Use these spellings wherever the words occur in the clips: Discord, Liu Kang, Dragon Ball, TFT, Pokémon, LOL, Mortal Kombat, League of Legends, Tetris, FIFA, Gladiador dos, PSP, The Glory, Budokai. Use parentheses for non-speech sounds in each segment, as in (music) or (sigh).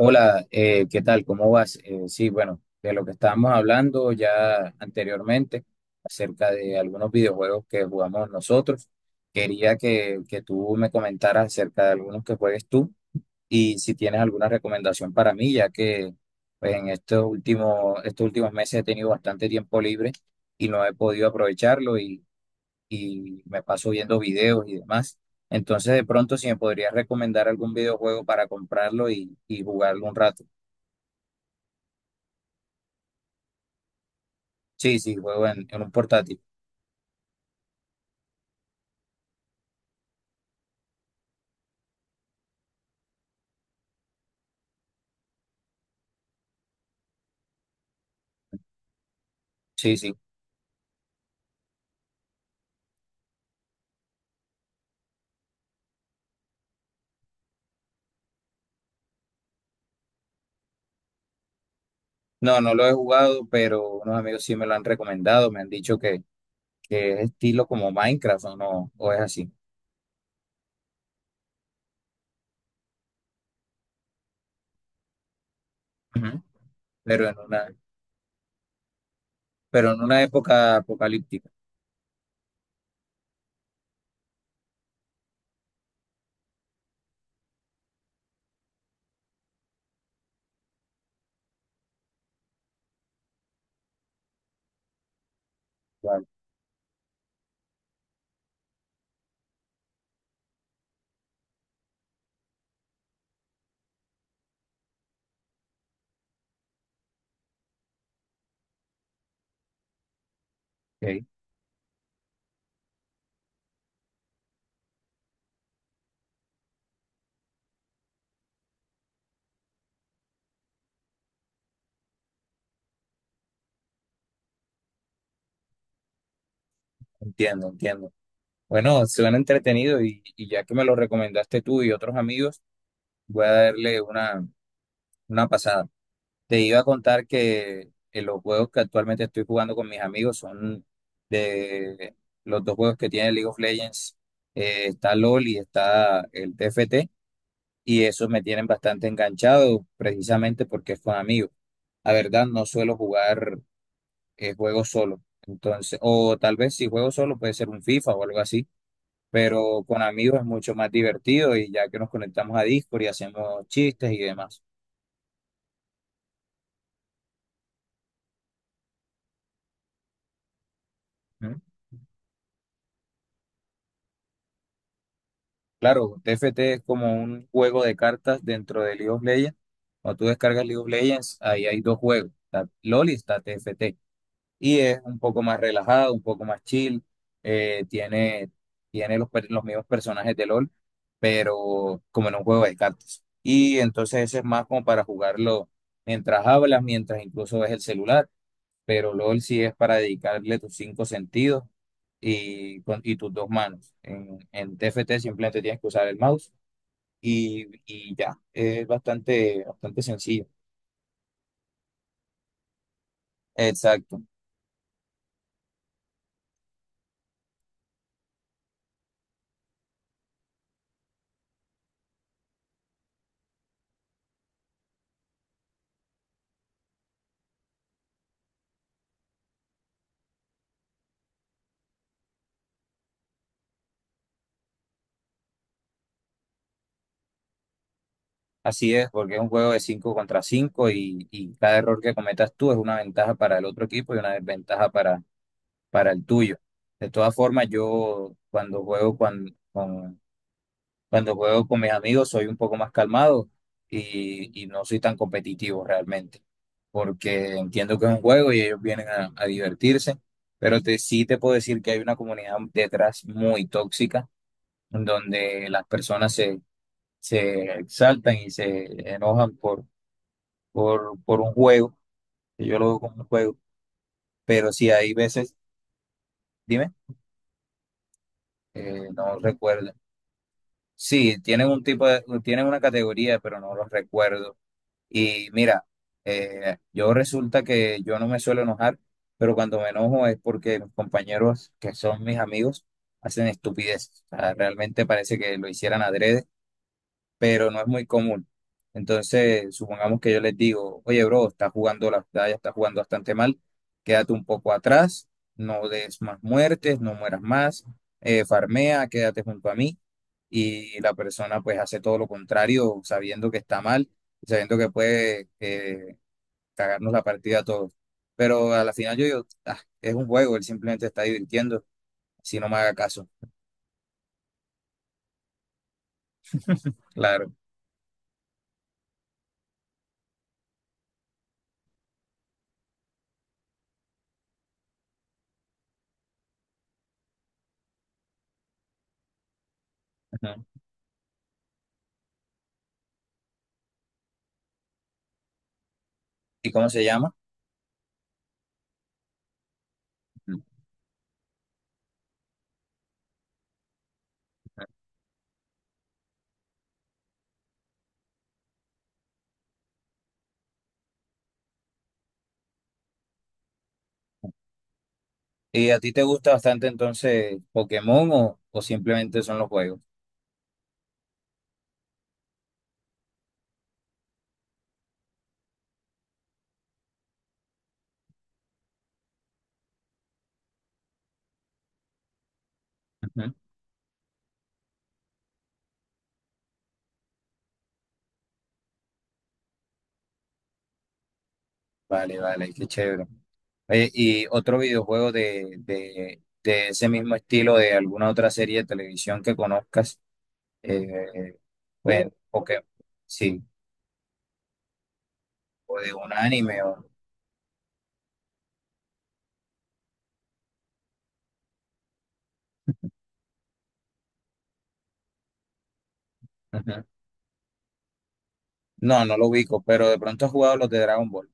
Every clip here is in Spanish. Hola, ¿qué tal? ¿Cómo vas? Sí, bueno, de lo que estábamos hablando ya anteriormente acerca de algunos videojuegos que jugamos nosotros, quería que tú me comentaras acerca de algunos que juegues tú y si tienes alguna recomendación para mí, ya que pues, en estos últimos meses he tenido bastante tiempo libre y no he podido aprovecharlo, y me paso viendo videos y demás. Entonces, de pronto, si me podrías recomendar algún videojuego para comprarlo y jugarlo un rato. Sí, sí, juego en un portátil. Sí, sí. No, no lo he jugado, pero unos amigos sí me lo han recomendado. Me han dicho que es estilo como Minecraft o no, o es así. Ujú. Pero en una, pero en una época apocalíptica. Claro, ok. Entiendo, entiendo. Bueno, suena entretenido y ya que me lo recomendaste tú y otros amigos, voy a darle una pasada. Te iba a contar que los juegos que actualmente estoy jugando con mis amigos son de los dos juegos que tiene League of Legends. Está LOL y está el TFT. Y esos me tienen bastante enganchado precisamente porque es con amigos. La verdad, no suelo jugar juegos solo. Entonces, o tal vez si juego solo puede ser un FIFA o algo así. Pero con amigos es mucho más divertido y ya que nos conectamos a Discord y hacemos chistes y demás. Claro, T F T es como un juego de cartas dentro de League of Legends. Cuando tú descargas League of Legends, ahí hay dos juegos. Está LOL y está TFT. Y es un poco más relajado, un poco más chill. Tiene los mismos personajes de LOL, pero como en un juego de cartas. Y entonces ese es más como para jugarlo mientras hablas, mientras incluso ves el celular, pero LOL sí es para dedicarle tus cinco sentidos y tus dos manos. En t F T simplemente tienes que usar el mouse y ya, es bastante, bastante sencillo. Exacto, así es, porque es un juego de 5 contra 5 y cada error que cometas tú es una ventaja para el otro equipo y una desventaja para el tuyo. De todas formas, yo cuando juego con mis amigos soy un poco más calmado y no soy tan competitivo realmente, porque entiendo que es un juego y ellos vienen a divertirse, pero te, sí te puedo decir que hay una comunidad detrás muy tóxica, en donde las se exaltan y se enojan por un juego, que yo lo veo como un juego, pero sí hay veces, dime, no recuerdo. Sí, tienen un tienen una categoría, pero no los recuerdo. Y mira, yo resulta que yo no me suelo enojar, pero cuando me enojo es porque mis compañeros, que son mis amigos, hacen estupideces. O sea, realmente parece que lo hicieran adrede, pero no es muy común. Entonces, supongamos que yo les digo, oye, bro, estás jugando la batalla, estás jugando bastante mal, quédate un poco atrás, no des más muertes, no mueras más, farmea, quédate junto a mí. Y la persona pues hace todo lo contrario, sabiendo que está mal, sabiendo que puede cagarnos la partida a todos. Pero a la final yo digo, "Ah, es un juego, él simplemente está divirtiendo, si no me haga caso". Claro. Ujú. ¿Y cómo se llama? Ujú. ¿Y a ti te gusta bastante entonces Pokémon o simplemente son los juegos? Ujú. Vale, vale, qué chévere. Oye, ¿y otro videojuego de ese mismo estilo de alguna otra serie de televisión que conozcas? Eh, bueno, Pokémon, sí, o de un anime o... Ujú. No, no lo ubico, pero de pronto has jugado los de Dragon Ball.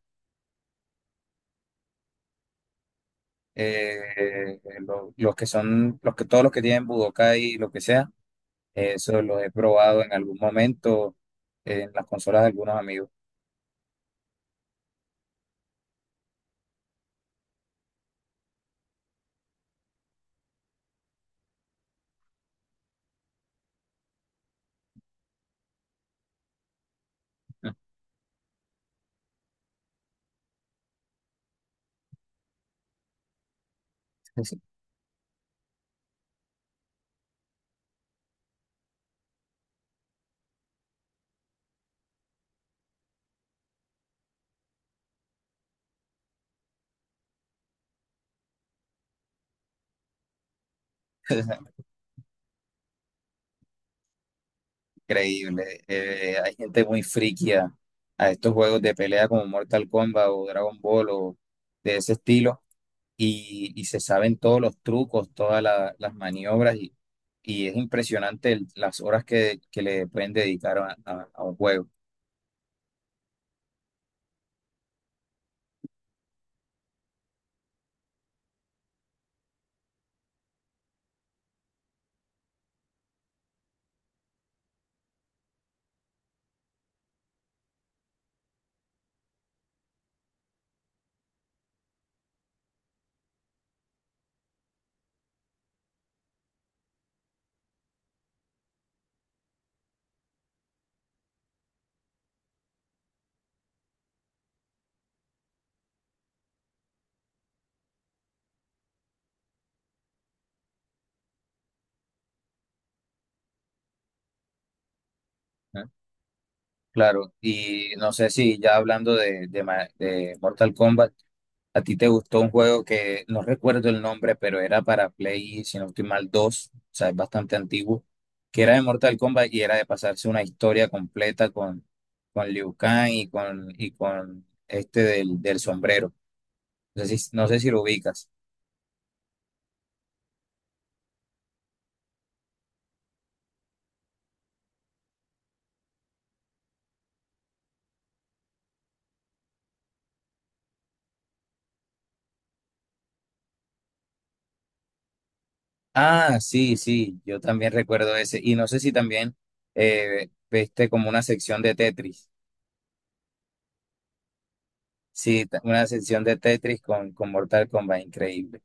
Los que todos los que tienen Budokai y lo que sea. Eso lo he probado en algún momento en las consolas de algunos amigos. (laughs) Es increíble. Hay gente muy friki a estos juegos de pelea como Mortal Kombat o Dragon Ball o de ese estilo y se saben todos los trucos, las maniobras y es impresionante las horas que le pueden dedicar a un juego. ¿No? Claro, y no sé si ya hablando de Mortal Kombat. ¿A ti te gustó un juego que no recuerdo el nombre, pero era para Play, si no estoy mal, 2, o sea, es bastante antiguo, que era de Mortal Kombat y era de pasarse una historia completa con Liu Kang y con este del sombrero? No sé si, no sé si lo ubicas. Ah, sí, sí, yo también recuerdo ese. Y no sé si también viste como una sección de Tetris. Sí, una sección de Tetris con Mortal Kombat, increíble.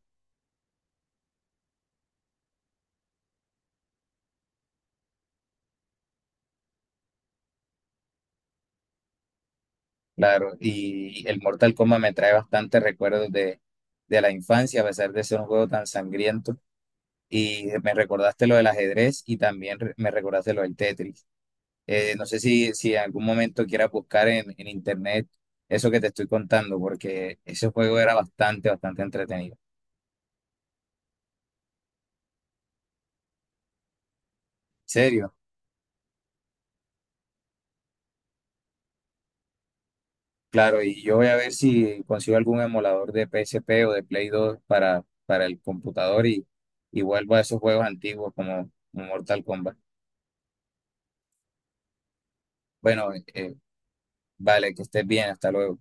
Claro, y el Mortal Kombat me trae bastantes recuerdos de la infancia, a pesar de ser un juego tan sangriento. Y me recordaste lo del ajedrez y también me recordaste lo del Tetris. No sé si, si en algún momento quieras buscar en internet eso que te estoy contando, porque ese juego era bastante, bastante entretenido. ¿En serio? Claro, y yo voy a ver si consigo algún emulador de PSP o de Play 2 para el computador y vuelvo a esos juegos antiguos como como Mortal Kombat. Bueno, vale, que estés bien, hasta luego.